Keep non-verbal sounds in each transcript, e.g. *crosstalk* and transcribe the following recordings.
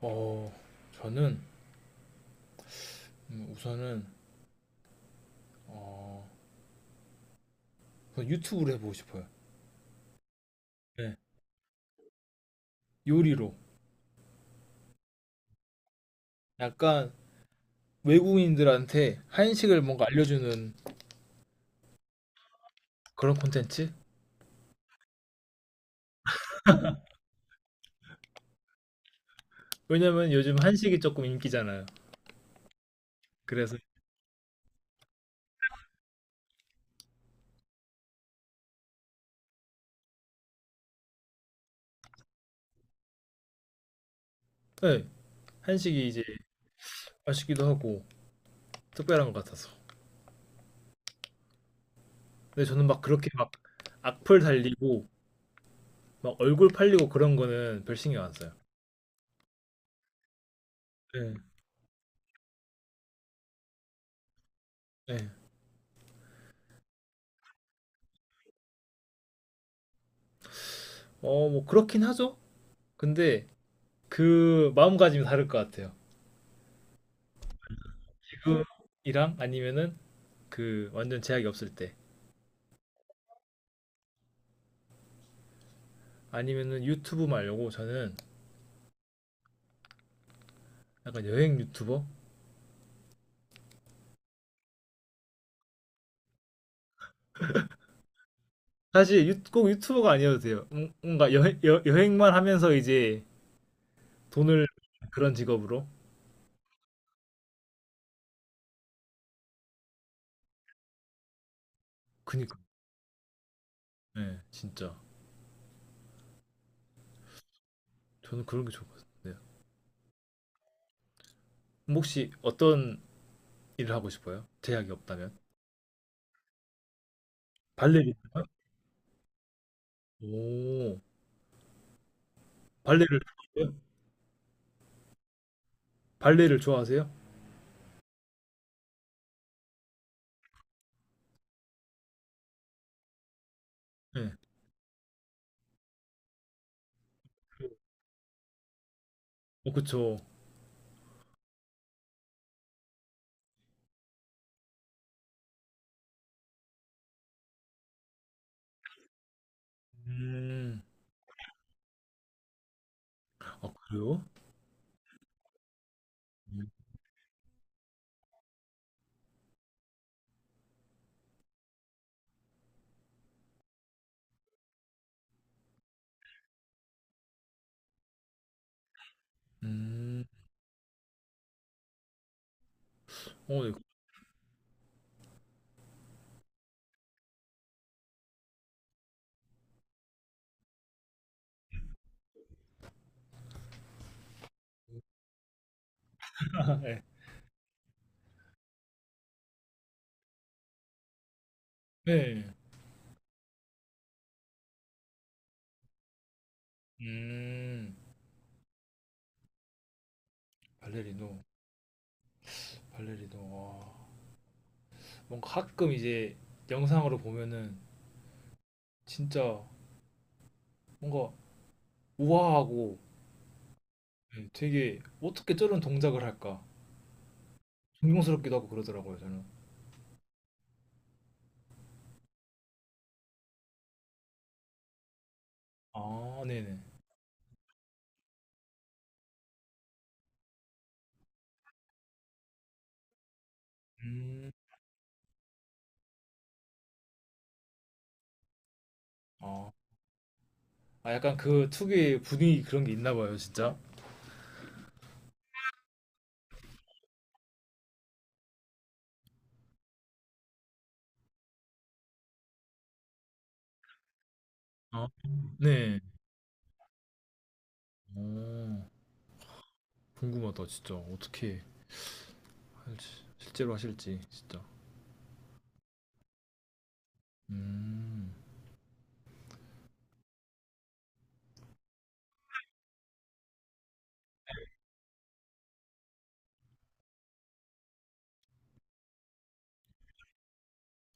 어, 저는 우선은 어, 우선 유튜브를 해보고 싶어요. 네, 요리로. 약간 외국인들한테 한식을 뭔가 알려주는 그런 콘텐츠? 왜냐면 요즘 한식이 조금 인기잖아요. 그래서, 네, 한식이 이제 맛있기도 하고 특별한 것 같아서. 근데 저는 막 그렇게 막 악플 달리고 막 얼굴 팔리고 그런 거는 별 신경 안 써요. 네, 네. 뭐 그렇긴 하죠. 근데 그 마음가짐이 다를 것 같아요. 이랑 아니면은 그 완전 제약이 없을 때, 아니면은 유튜브 말려고. 저는 약간 여행 유튜버, 사실 꼭 유튜버가 아니어도 돼요. 뭔가 여행, 여행만 하면서 이제 돈을, 그런 직업으로. 그니까, 예, 진짜 저는 그런 게 좋을 것 같아요. 그럼 혹시 어떤 일을 하고 싶어요? 제약이 없다면. 발레리나. 오, 발레를 좋아하세요? 발레를 좋아하세요? 네. 그쵸. 음, 아 그래요? 음, 음. 어, 네. *laughs* 네. 음, 발레리노, 발레리노. 와, 뭔가 가끔 이제 영상으로 보면은 진짜 뭔가 우아하고. 예, 되게 어떻게 저런 동작을 할까? 존경스럽기도 하고 그러더라고요, 저는. 아, 네네. 음, 아, 아, 약간 그 특유의 분위기 그런 게 있나 봐요, 진짜. 아, 네. 오, 궁금하다, 진짜. 어떻게 할지, 실제로 하실지, 진짜. 음,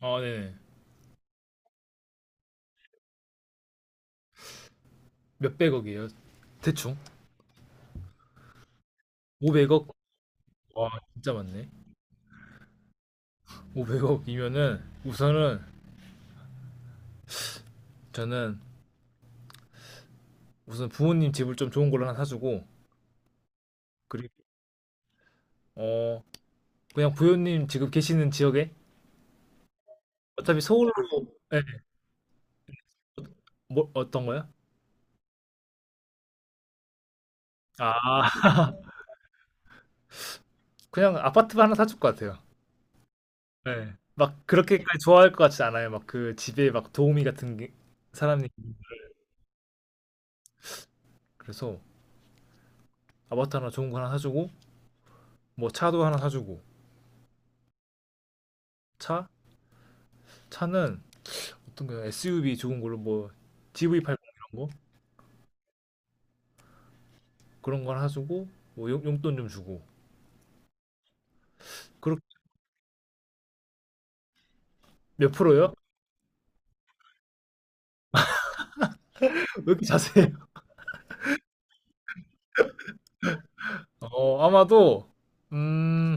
아, 네네. 몇백억이에요? 대충? 500억? 와, 진짜 많네. 500억이면은 우선은 저는, 우선 부모님 집을 좀 좋은 걸로 하나 사주고, 그리고 어 그냥 부모님 지금 계시는 지역에. 어차피 서울로. 예, 뭐 어떤 거요? 아, 그냥 아파트만 하나 사줄 것 같아요. 네. 막 그렇게까지 좋아할 것 같지 않아요. 막 그 집에 막 도우미 같은 게- 사람이. 그래서 아파트 하나 좋은 거 하나 사주고, 뭐 차도 하나 사주고. 차? 차는 어떤 거요? SUV 좋은 걸로. 뭐 GV80 이런 그런 걸 하시고, 뭐 돈좀 주고 그렇게. 몇 프로요? *laughs* 왜 이렇게 자세해요? *laughs* 아마도, 음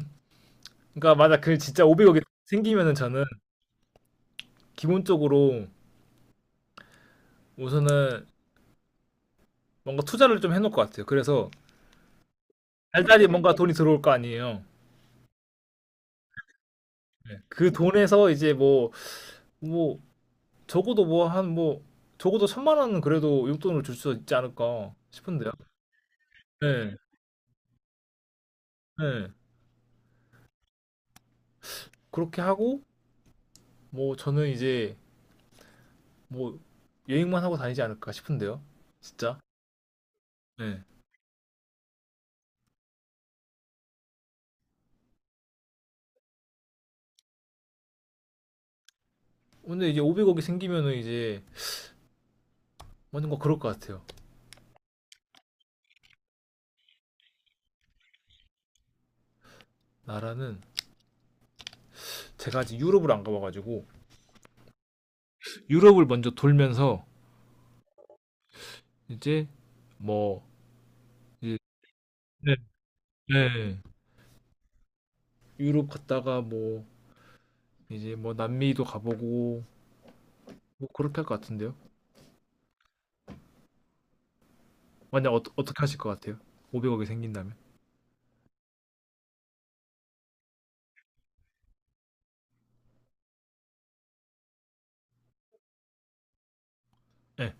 그러니까, 맞아, 그 진짜 500억이 생기면은 저는 기본적으로 우선은 뭔가 투자를 좀 해놓을 것 같아요. 그래서 달달이 뭔가 돈이 들어올 거 아니에요. 네. 그 돈에서 이제, 뭐, 뭐 적어도, 뭐 한, 뭐 적어도 천만 원은 그래도 용돈으로 줄 수 있지 않을까 싶은데요. 네, 네. 그렇게 하고, 뭐 저는 이제, 뭐 여행만 하고 다니지 않을까 싶은데요. 진짜. 네. 근데 이제 500억이 생기면은 이제 뭔가 그럴 것 같아요. 나라는, 제가 아직 유럽을 안 가봐가지고 유럽을 먼저 돌면서 이제, 뭐 이제. 네, 네. 유럽 갔다가 뭐 이제, 뭐 남미도 가보고, 뭐 그렇게 할 것 같은데요. 만약 어떻게 하실 것 같아요? 500억이 생긴다면? 네.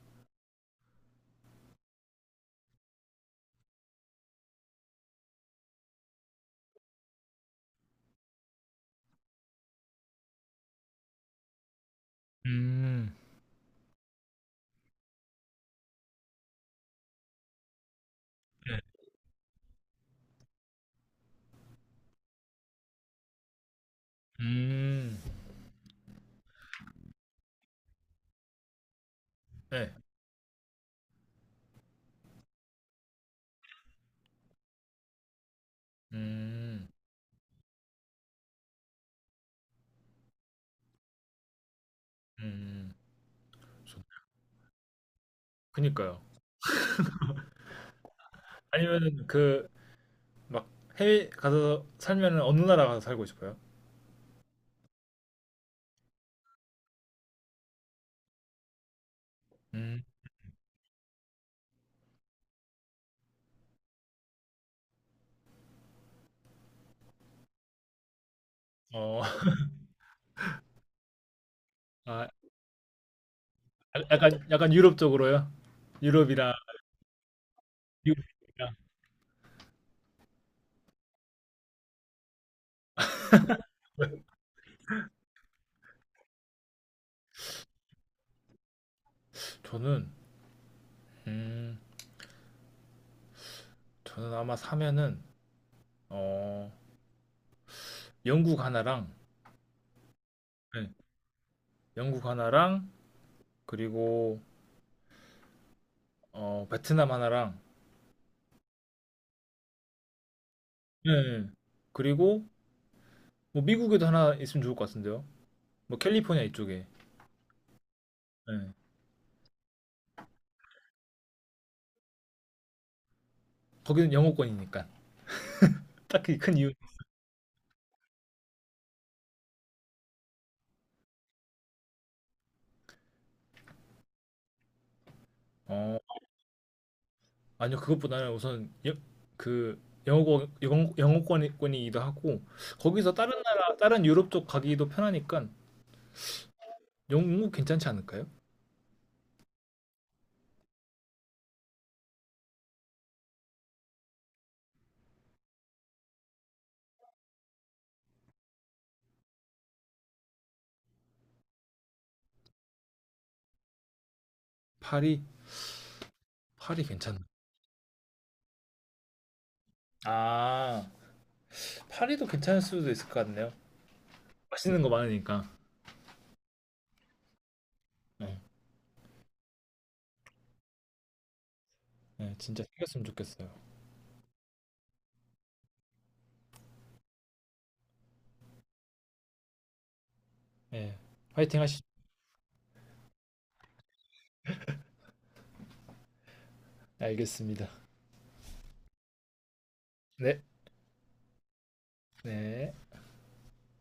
음, 네. 음, 네. 음, 음. 그니까요. 아니면 그 막 해외 가서 살면은 어느 나라 가서 살고 싶어요? 음, 어, *laughs* 아, 약간 약간 유럽 쪽으로요? 유럽이랑 미국이랑. 저는, 음, 저는 아마 사면은 어, 영국 하나랑. 네, 영국 하나랑, 그리고 베트남 하나랑. 네, 네. 그리고 뭐 미국에도 하나 있으면 좋을 것 같은데요. 뭐 캘리포니아 이쪽에. 네. 거기는 영어권이니까. 딱히 큰 이유. 어, 아니요, 그것보다는 우선 그 영어권, 영어권이기도 하고 거기서 다른 나라, 다른 유럽 쪽 가기도 편하니까. 영국 괜찮지 않을까요? 파리. 파리 괜찮나? 아, 파리도 괜찮을 수도 있을 것 같네요. 맛있는 거 많으니까. 네. 네, 진짜 생겼으면 좋겠어요. 네, 화이팅 하시죠. 알겠습니다. 네, 네.